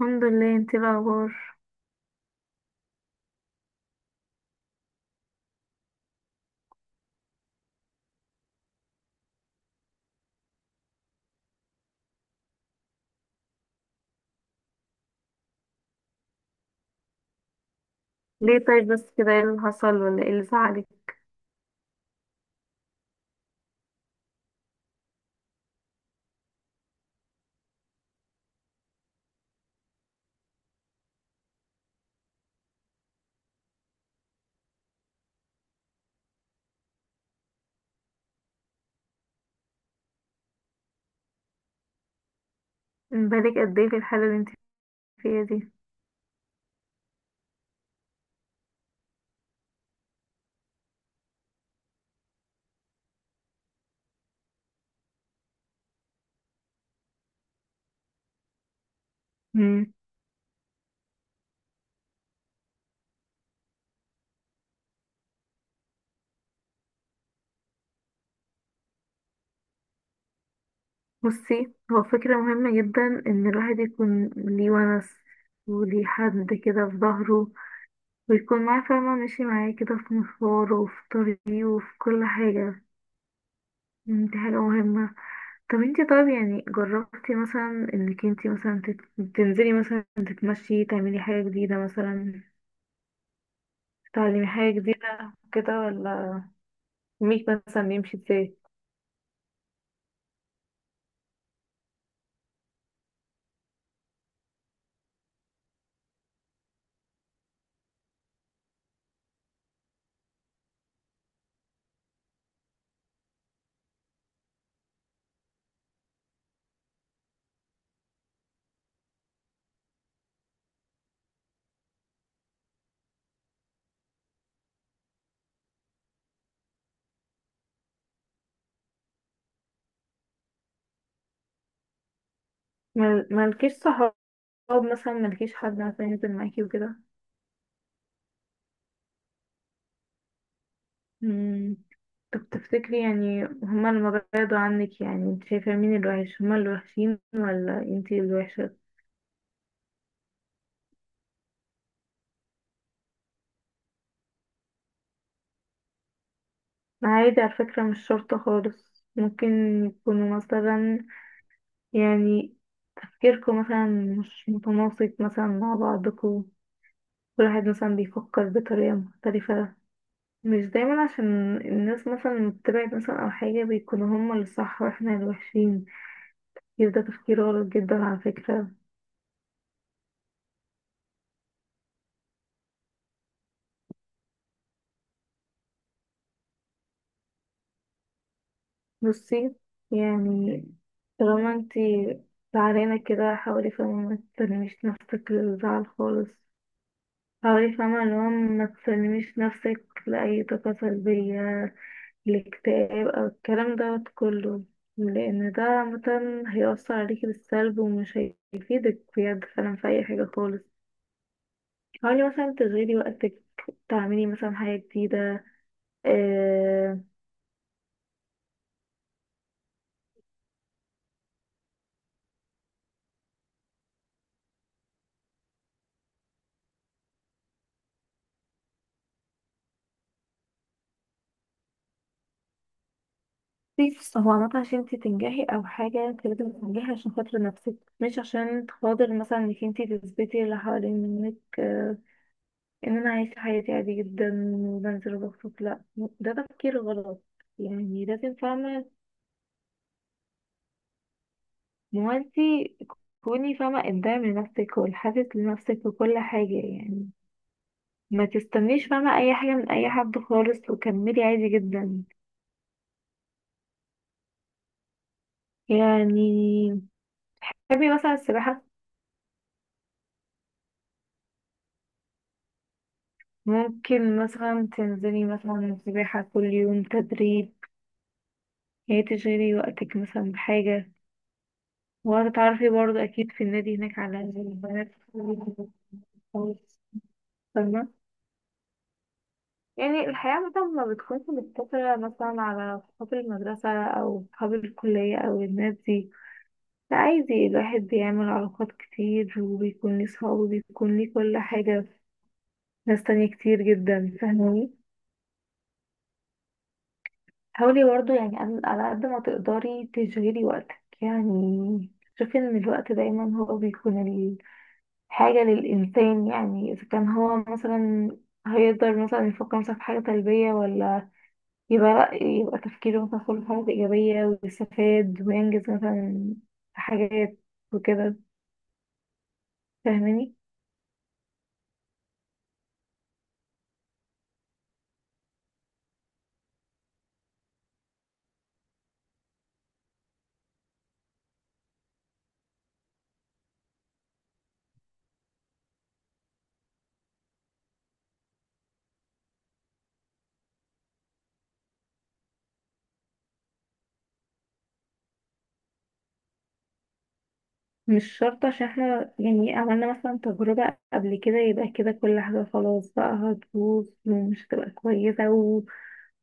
الحمد لله، انت ايه الاخبار؟ ليه؟ طيب، بس كده ايه اللي حصل، ولا ايه اللي زعلك؟ بالك قد ايه في الحاله اللي انت فيها دي؟ مم. بصي، هو فكره مهمه جدا ان الواحد يكون ليه ونس وليه حد كده في ظهره، ويكون معاه فاهمه، ماشي معاه كده في مشواره وفي طريقه وفي كل حاجه. مم، دي حاجه مهمه. طب انت، طيب يعني جربتي مثلا انك انت مثلا تنزلي مثلا تتمشي، تعملي حاجه جديده مثلا، تعلمي حاجه جديده كده، ولا يومك مثلا بيمشي ازاي؟ ملكيش صحاب، مثلا ملكيش حد مثلا ينزل معاكي وكده؟ مم. طب تفتكري، يعني هما لما بعدوا عنك، يعني انت شايفة مين الوحش، هما الوحشين ولا انتي الوحشة؟ عادي، على فكرة مش شرط خالص، ممكن يكونوا مثلا، يعني تفكيركم مثلا مش متناسق مثلا مع بعضكم. كل واحد مثلا بيفكر بطريقة مختلفة. مش دايما عشان الناس مثلا لما بتبعد مثلا او حاجة بيكونوا هما اللي صح واحنا اللي وحشين. يبقى ده تفكير غلط جدا على فكرة. بصي، يعني طالما انتي زعلانة كده، حاولي فاهمة ما تسلميش نفسك للزعل خالص. حاولي فاهمة اللي هو ما تسلميش نفسك لأي طاقة سلبية، الاكتئاب أو الكلام دوت كله. لأن ده مثلا هيأثر عليكي بالسلب ومش هيفيدك بجد فعلا في أي حاجة خالص. حاولي مثلا تشغلي وقتك، تعملي مثلا حاجة جديدة. آه، بس هو عامة عشان انتي تنجحي أو حاجة انتي لازم تنجحي عشان خاطر نفسك، مش عشان خاطر مثلا انك انتي تثبتي اللي حوالين منك. آه، ان انا عايشة حياتي عادي جدا وبنزل وبخرج، لا. ده تفكير غلط. يعني لازم فاهمة. ما هو انتي كوني فاهمة قدام لنفسك، والحافز لنفسك وكل حاجة يعني. ما تستنيش فاهمة أي حاجة من أي حد خالص، وكملي عادي جدا. يعني تحبي مثلا السباحة؟ ممكن مثلا تنزلي مثلا السباحة كل يوم تدريب، يعني تشغلي وقتك مثلا بحاجة. وهتتعرفي برضه أكيد في النادي هناك على البنات خالص، فاهمة؟ يعني الحياة مثلا ما بتكونش مقتصرة مثلا على صحاب المدرسة أو صحاب الكلية أو الناس دي. لا، عادي الواحد بيعمل علاقات كتير وبيكون ليه صحاب وبيكون ليه كل حاجة. ناس تانية كتير جدا، فاهماني؟ حاولي برضه، يعني على قد ما تقدري تشغلي وقتك يعني. شوفي ان الوقت دايما هو بيكون الحاجة للإنسان، يعني إذا كان هو مثلا هيقدر مثلا يفكر مثلا في حاجة سلبية، ولا يبقى لأ، يبقى تفكيره مثلا كله في حاجة إيجابية ويستفاد وينجز مثلا في حاجات وكده. فاهماني؟ مش شرط عشان احنا يعني عملنا مثلا تجربة قبل كده يبقى كده كل حاجة خلاص بقى هتبوظ ومش هتبقى كويسة،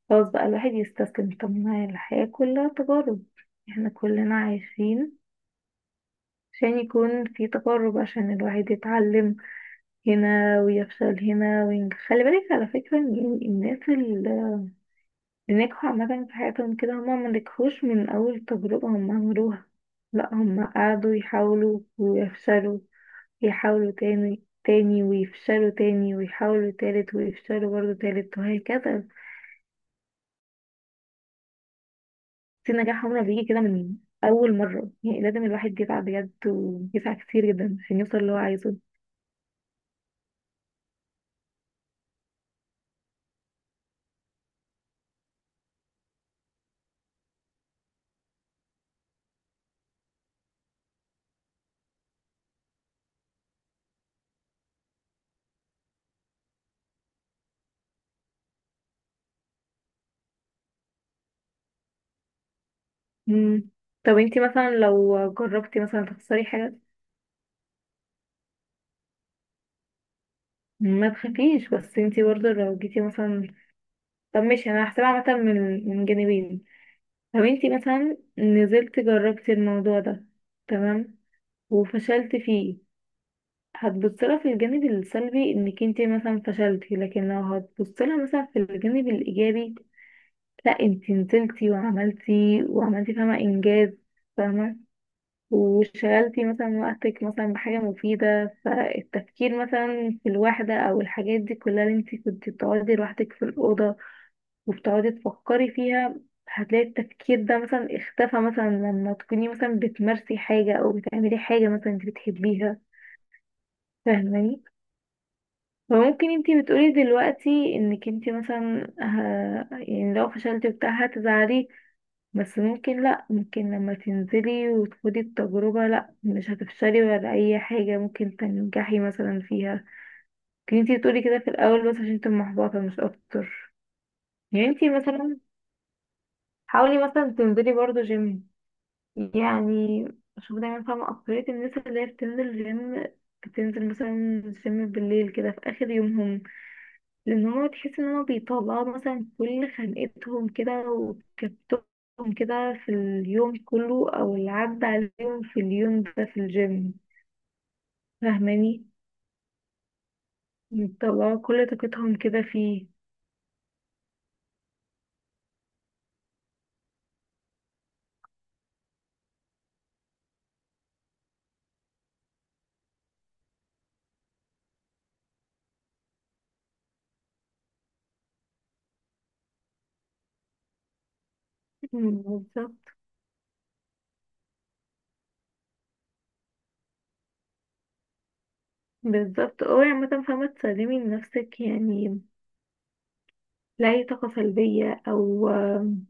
خلاص بقى الواحد يستسلم. طب ما هي الحياة كلها تجارب. احنا كلنا عايشين عشان يكون في تجارب، عشان الواحد يتعلم هنا ويفشل هنا وينجح. خلي بالك على فكرة ان يعني الناس اللي نجحوا عامة في حياتهم كده هما ما نجحوش من أول تجربة هما عملوها. لا، هما قعدوا يحاولوا ويفشلوا، يحاولوا تاني تاني ويفشلوا تاني، ويحاولوا تالت ويفشلوا برضه تالت وهكذا. في نجاح عمره بيجي كده من أول مرة؟ يعني لازم الواحد يسعى بجد ويسعى كتير جدا عشان يوصل اللي هو عايزه. مم. طب انتي مثلا لو جربتي مثلا تخسري حاجة، ما تخافيش. بس انتي برضه لو جيتي مثلا، طب ماشي، انا هحسبها مثلا من جانبين. لو انتي مثلا نزلت جربتي الموضوع ده، تمام، وفشلت فيه، هتبصلها في الجانب السلبي انك انتي مثلا فشلتي، لكن لو هتبصلها مثلا في الجانب الايجابي، لا انتي نزلتي وعملتي وعملتي فاهمة انجاز، فاهمة. وشغلتي مثلا وقتك مثلا بحاجة مفيدة، فالتفكير مثلا في الوحدة او الحاجات دي كلها اللي انتي كنتي بتقعدي لوحدك في الأوضة وبتقعدي تفكري فيها، هتلاقي التفكير ده مثلا اختفى مثلا لما تكوني مثلا بتمارسي حاجة او بتعملي حاجة مثلا انتي بتحبيها. فاهماني؟ فممكن انتي بتقولي دلوقتي انك انتي مثلا يعني لو فشلتي وبتاع هتزعلي، بس ممكن لأ، ممكن لما تنزلي وتخدي التجربة، لأ مش هتفشلي ولا أي حاجة، ممكن تنجحي مثلا فيها. كنتي انتي تقولي كده في الأول بس عشان انتي محبطة مش أكتر. يعني انتي مثلا حاولي مثلا تنزلي برضه جيم، يعني شوف، دايما فاهمة أكترية الناس اللي هي بتنزل جيم، بتنزل مثلا جيم بالليل كده في آخر يومهم، لان هو تحس ان هو بيطلعوا مثلا كل خنقتهم كده وكبتهم كده في اليوم كله او اللي عدى عليهم في اليوم ده في الجيم. فاهماني؟ بيطلعوا كل طاقتهم كده فيه. مم، بالظبط. بالظبط، اوعي عامة فاهمة تسلمي لنفسك، يعني لأي طاقة سلبية أو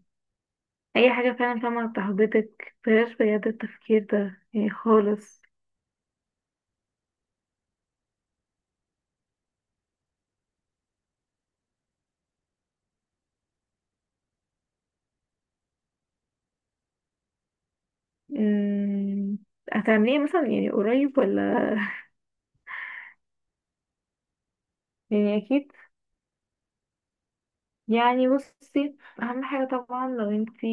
أي حاجة فعلا فاهمة تحبطك، بلاش بجد التفكير ده يعني خالص. مم، هتعمليه مثلا يعني قريب، ولا؟ يعني أكيد. يعني بصي، اهم حاجه طبعا لو انتي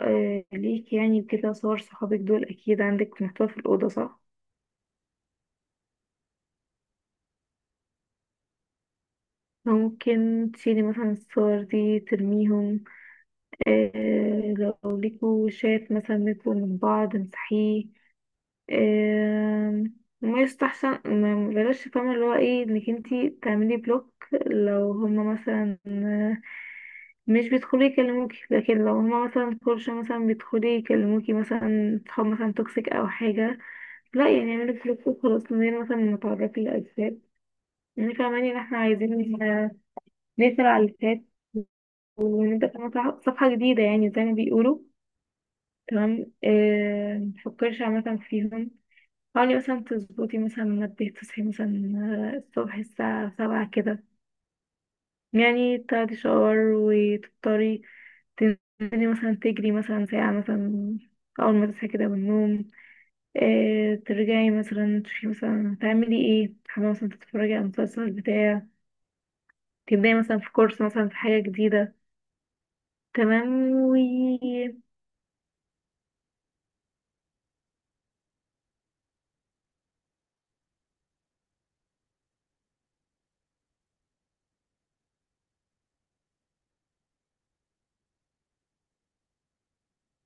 ليك يعني كده صور صحابك دول اكيد عندك في محتوى في الاوضه، صح؟ ممكن تشيلي مثلا الصور دي ترميهم. آه. لو ليكوا شات مثلا بينكوا من بعض امسحيه. آه. ما يستحسن، ما بلاش فاهمة اللي هو ايه انك انتي تعملي بلوك، لو هما مثلا مش بيدخلوا يكلموكي، لكن لو هما مثلا كورش مثلا بيدخلوا يكلموكي مثلا، صحاب مثلا توكسيك او حاجة، لا يعني يعملك بلوك وخلاص من غير مثلا ما تعرفي الأجساد. يعني فاهماني ان احنا عايزين نقفل على اللي فات ونبدأ كمان صفحة جديدة، يعني زي ما بيقولوا. تمام. متفكرش عامة فيهم. حاولي مثلا تظبطي مثلا منبه تصحي مثلا الصبح الساعة 7 كده، يعني تاخدي شاور وتفطري، تنزلي مثلا تجري مثلا ساعة مثلا أول ما تصحي كده من النوم، إيه ترجعي مثلا تشوفي مثلا تعملي ايه، حابة مثلا تتفرجي على المسلسل بتاع، تبدأي مثلا في كورس مثلا في حاجة جديدة. تمام. و.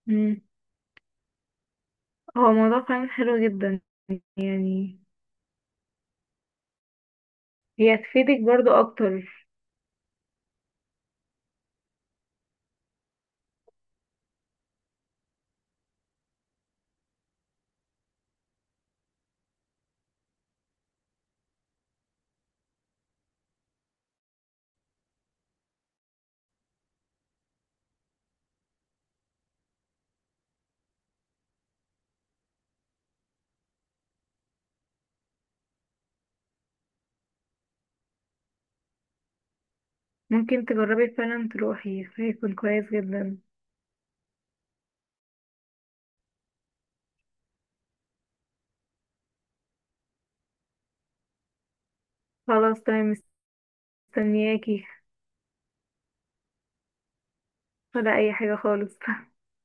مم. هو موضوع فعلا حلو جدا. يعني هي هتفيدك برضو أكتر. ممكن تجربي فعلا تروحي، هيكون كويس جدا. خلاص، تمام. مستنياكي ولا أي حاجة خالص